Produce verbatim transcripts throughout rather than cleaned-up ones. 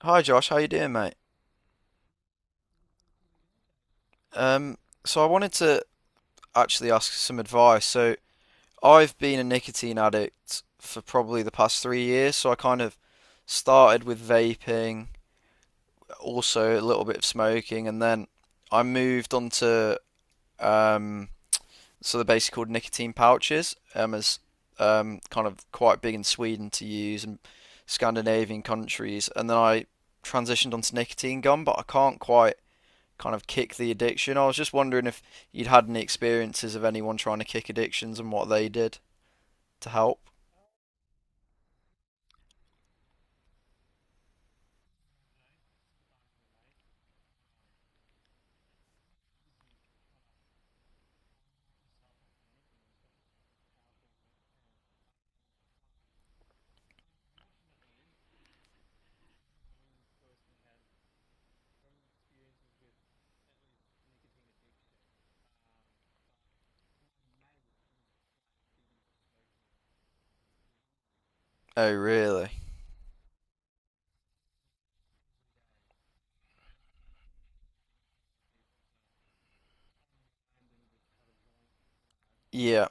Hi Josh, how you doing, mate? Um, so I wanted to actually ask some advice. So I've been a nicotine addict for probably the past three years. So I kind of started with vaping, also a little bit of smoking, and then I moved on to um, so they're basically called nicotine pouches, um, as um, kind of quite big in Sweden to use and Scandinavian countries, and then I transitioned onto nicotine gum, but I can't quite kind of kick the addiction. I was just wondering if you'd had any experiences of anyone trying to kick addictions and what they did to help. Oh, really? Yeah,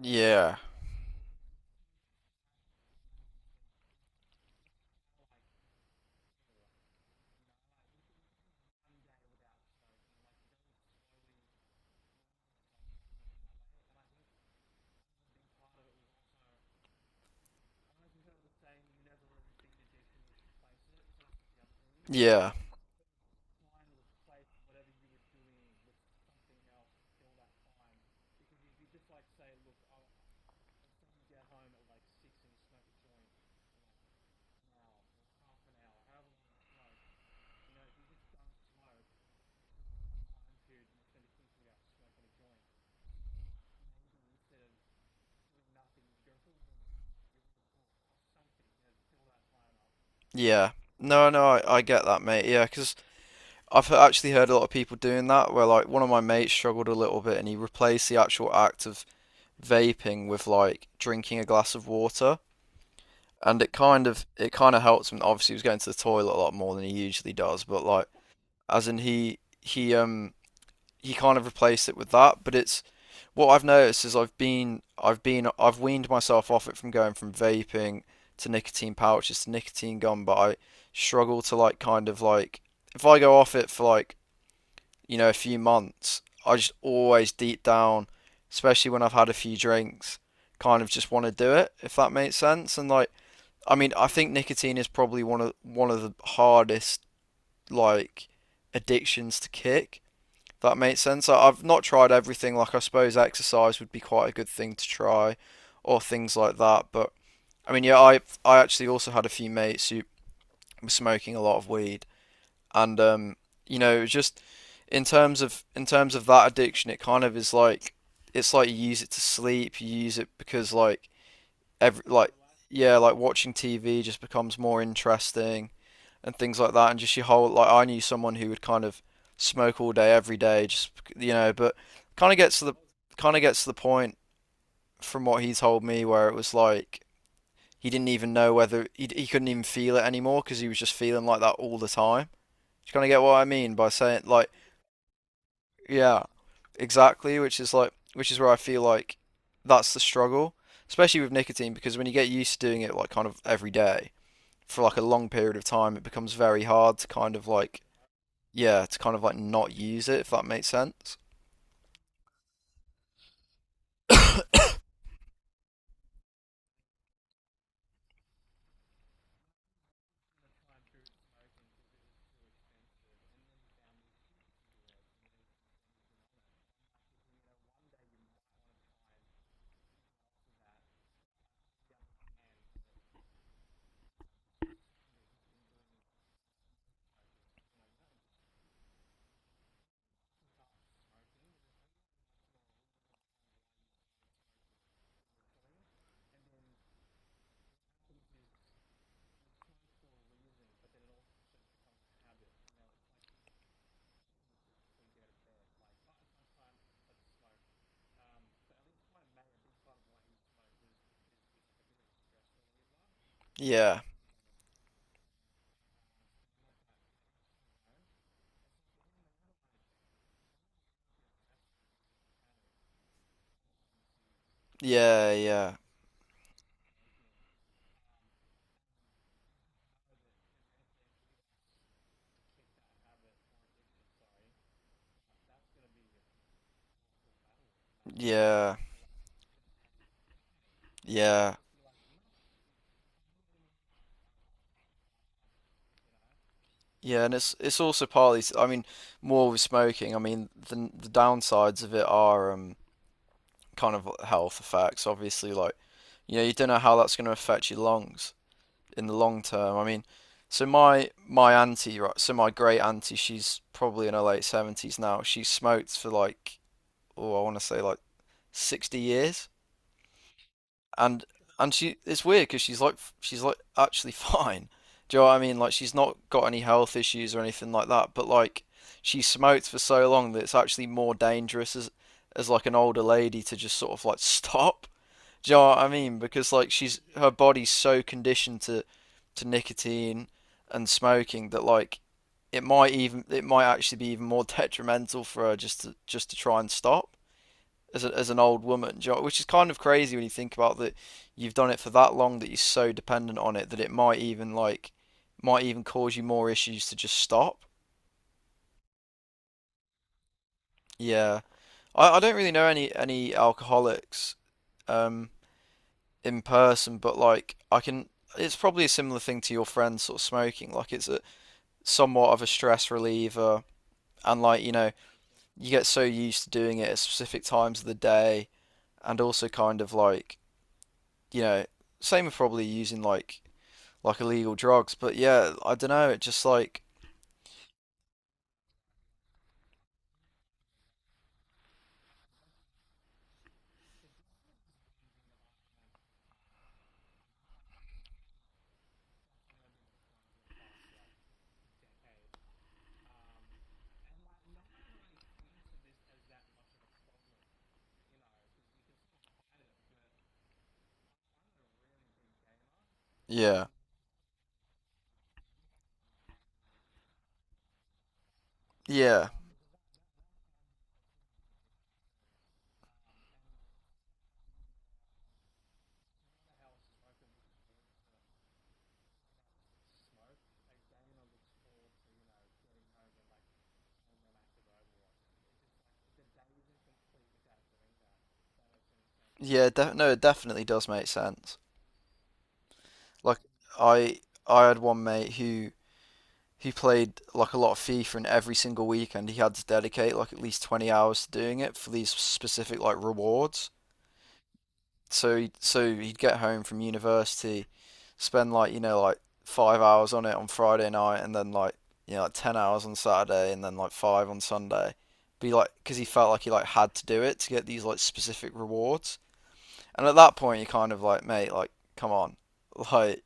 yeah, yeah, yeah. No, no, I, I get that, mate. Yeah, because I've he- actually heard a lot of people doing that where, like, one of my mates struggled a little bit and he replaced the actual act of vaping with, like, drinking a glass of water. And it kind of it kind of helped him. Obviously, he was going to the toilet a lot more than he usually does, but like, as in he he um he kind of replaced it with that. But it's what I've noticed is I've been I've been I've weaned myself off it from going from vaping to nicotine pouches to nicotine gum, but I struggle to like kind of like if I go off it for like you know a few months, I just always deep down, especially when I've had a few drinks, kind of just want to do it if that makes sense. And like I mean, I think nicotine is probably one of one of the hardest like addictions to kick that makes sense. I- have not tried everything. Like, I suppose exercise would be quite a good thing to try, or things like that. But I mean, yeah, I I actually also had a few mates who were smoking a lot of weed, and um, you know, it was just in terms of in terms of that addiction, it kind of is like it's like you use it to sleep. You use it because like every like yeah, like watching T V just becomes more interesting and things like that, and just your whole like I knew someone who would kind of smoke all day, every day, just you know, but kind of gets to the kind of gets to the point from what he told me where it was like he didn't even know whether he, he couldn't even feel it anymore because he was just feeling like that all the time. Do you kind of get what I mean by saying like yeah, exactly, which is like which is where I feel like that's the struggle, especially with nicotine because when you get used to doing it like kind of every day for like a long period of time, it becomes very hard to kind of like yeah, to kind of like not use it, if that makes sense. Yeah, yeah, yeah, yeah, yeah, yeah, and it's it's also partly, I mean, more with smoking. I mean, the the downsides of it are um kind of health effects, obviously. Like, you know, you don't know how that's going to affect your lungs in the long term. I mean, so my my auntie, right, so my great auntie, she's probably in her late seventies now. She smoked for like, oh, I want to say like sixty years. and and she it's weird because she's like she's like actually fine. Do you know what I mean? Like she's not got any health issues or anything like that, but like she smoked for so long that it's actually more dangerous as as like an older lady to just sort of like stop. Do you know what I mean? Because like she's her body's so conditioned to to nicotine and smoking that like it might even it might actually be even more detrimental for her just to just to try and stop as, a, as an old woman, do you know- which is kind of crazy when you think about that you've done it for that long that you're so dependent on it that it might even like might even cause you more issues to just stop. Yeah. I, I don't really know any any alcoholics um in person, but like I can it's probably a similar thing to your friend sort of smoking. Like it's a somewhat of a stress reliever and like, you know, you get so used to doing it at specific times of the day and also kind of like, you know, same with probably using like like illegal drugs. But yeah, I don't know. It just like yeah, yeah, yeah. Def no, it definitely does make sense. Like I I had one mate who he played like a lot of FIFA, and every single weekend he had to dedicate like at least twenty hours to doing it for these specific like rewards. So he so he'd get home from university, spend like you know like five hours on it on Friday night, and then like you know like ten hours on Saturday, and then like five on Sunday. Be like because he felt like he like had to do it to get these like specific rewards. And at that point, you're kind of like, mate, like come on, like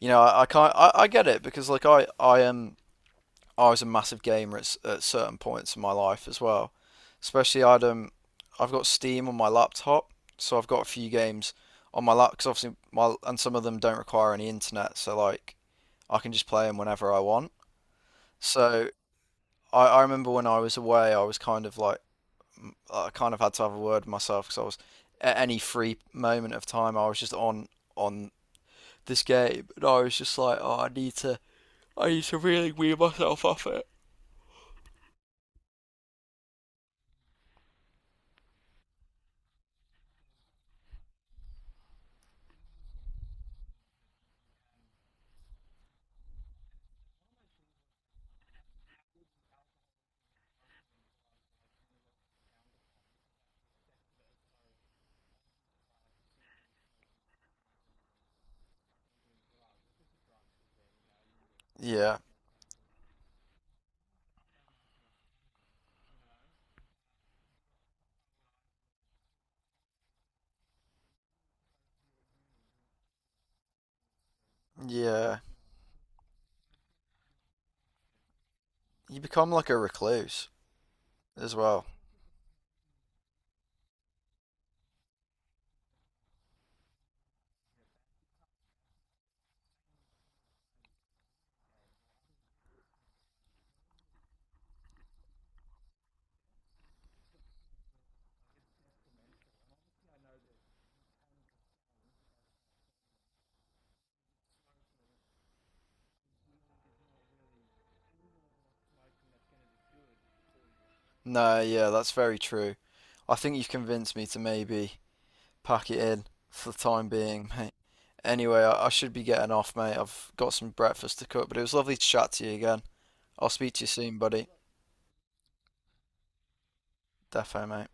you know I, I can't I, I get it because like I I am Um, I was a massive gamer at, at certain points in my life as well. Especially I'd um I've got Steam on my laptop, so I've got a few games on my laptop because obviously my and some of them don't require any internet, so like I can just play them whenever I want. So I, I remember when I was away, I was kind of like I kind of had to have a word with myself because I was at any free moment of time, I was just on on this game, and I was just like, oh, I need to I need to really wean myself off it. Yeah, yeah. You become like a recluse as well. No, yeah, that's very true. I think you've convinced me to maybe pack it in for the time being, mate. Anyway, I, I should be getting off, mate. I've got some breakfast to cook, but it was lovely to chat to you again. I'll speak to you soon, buddy. Defo, mate.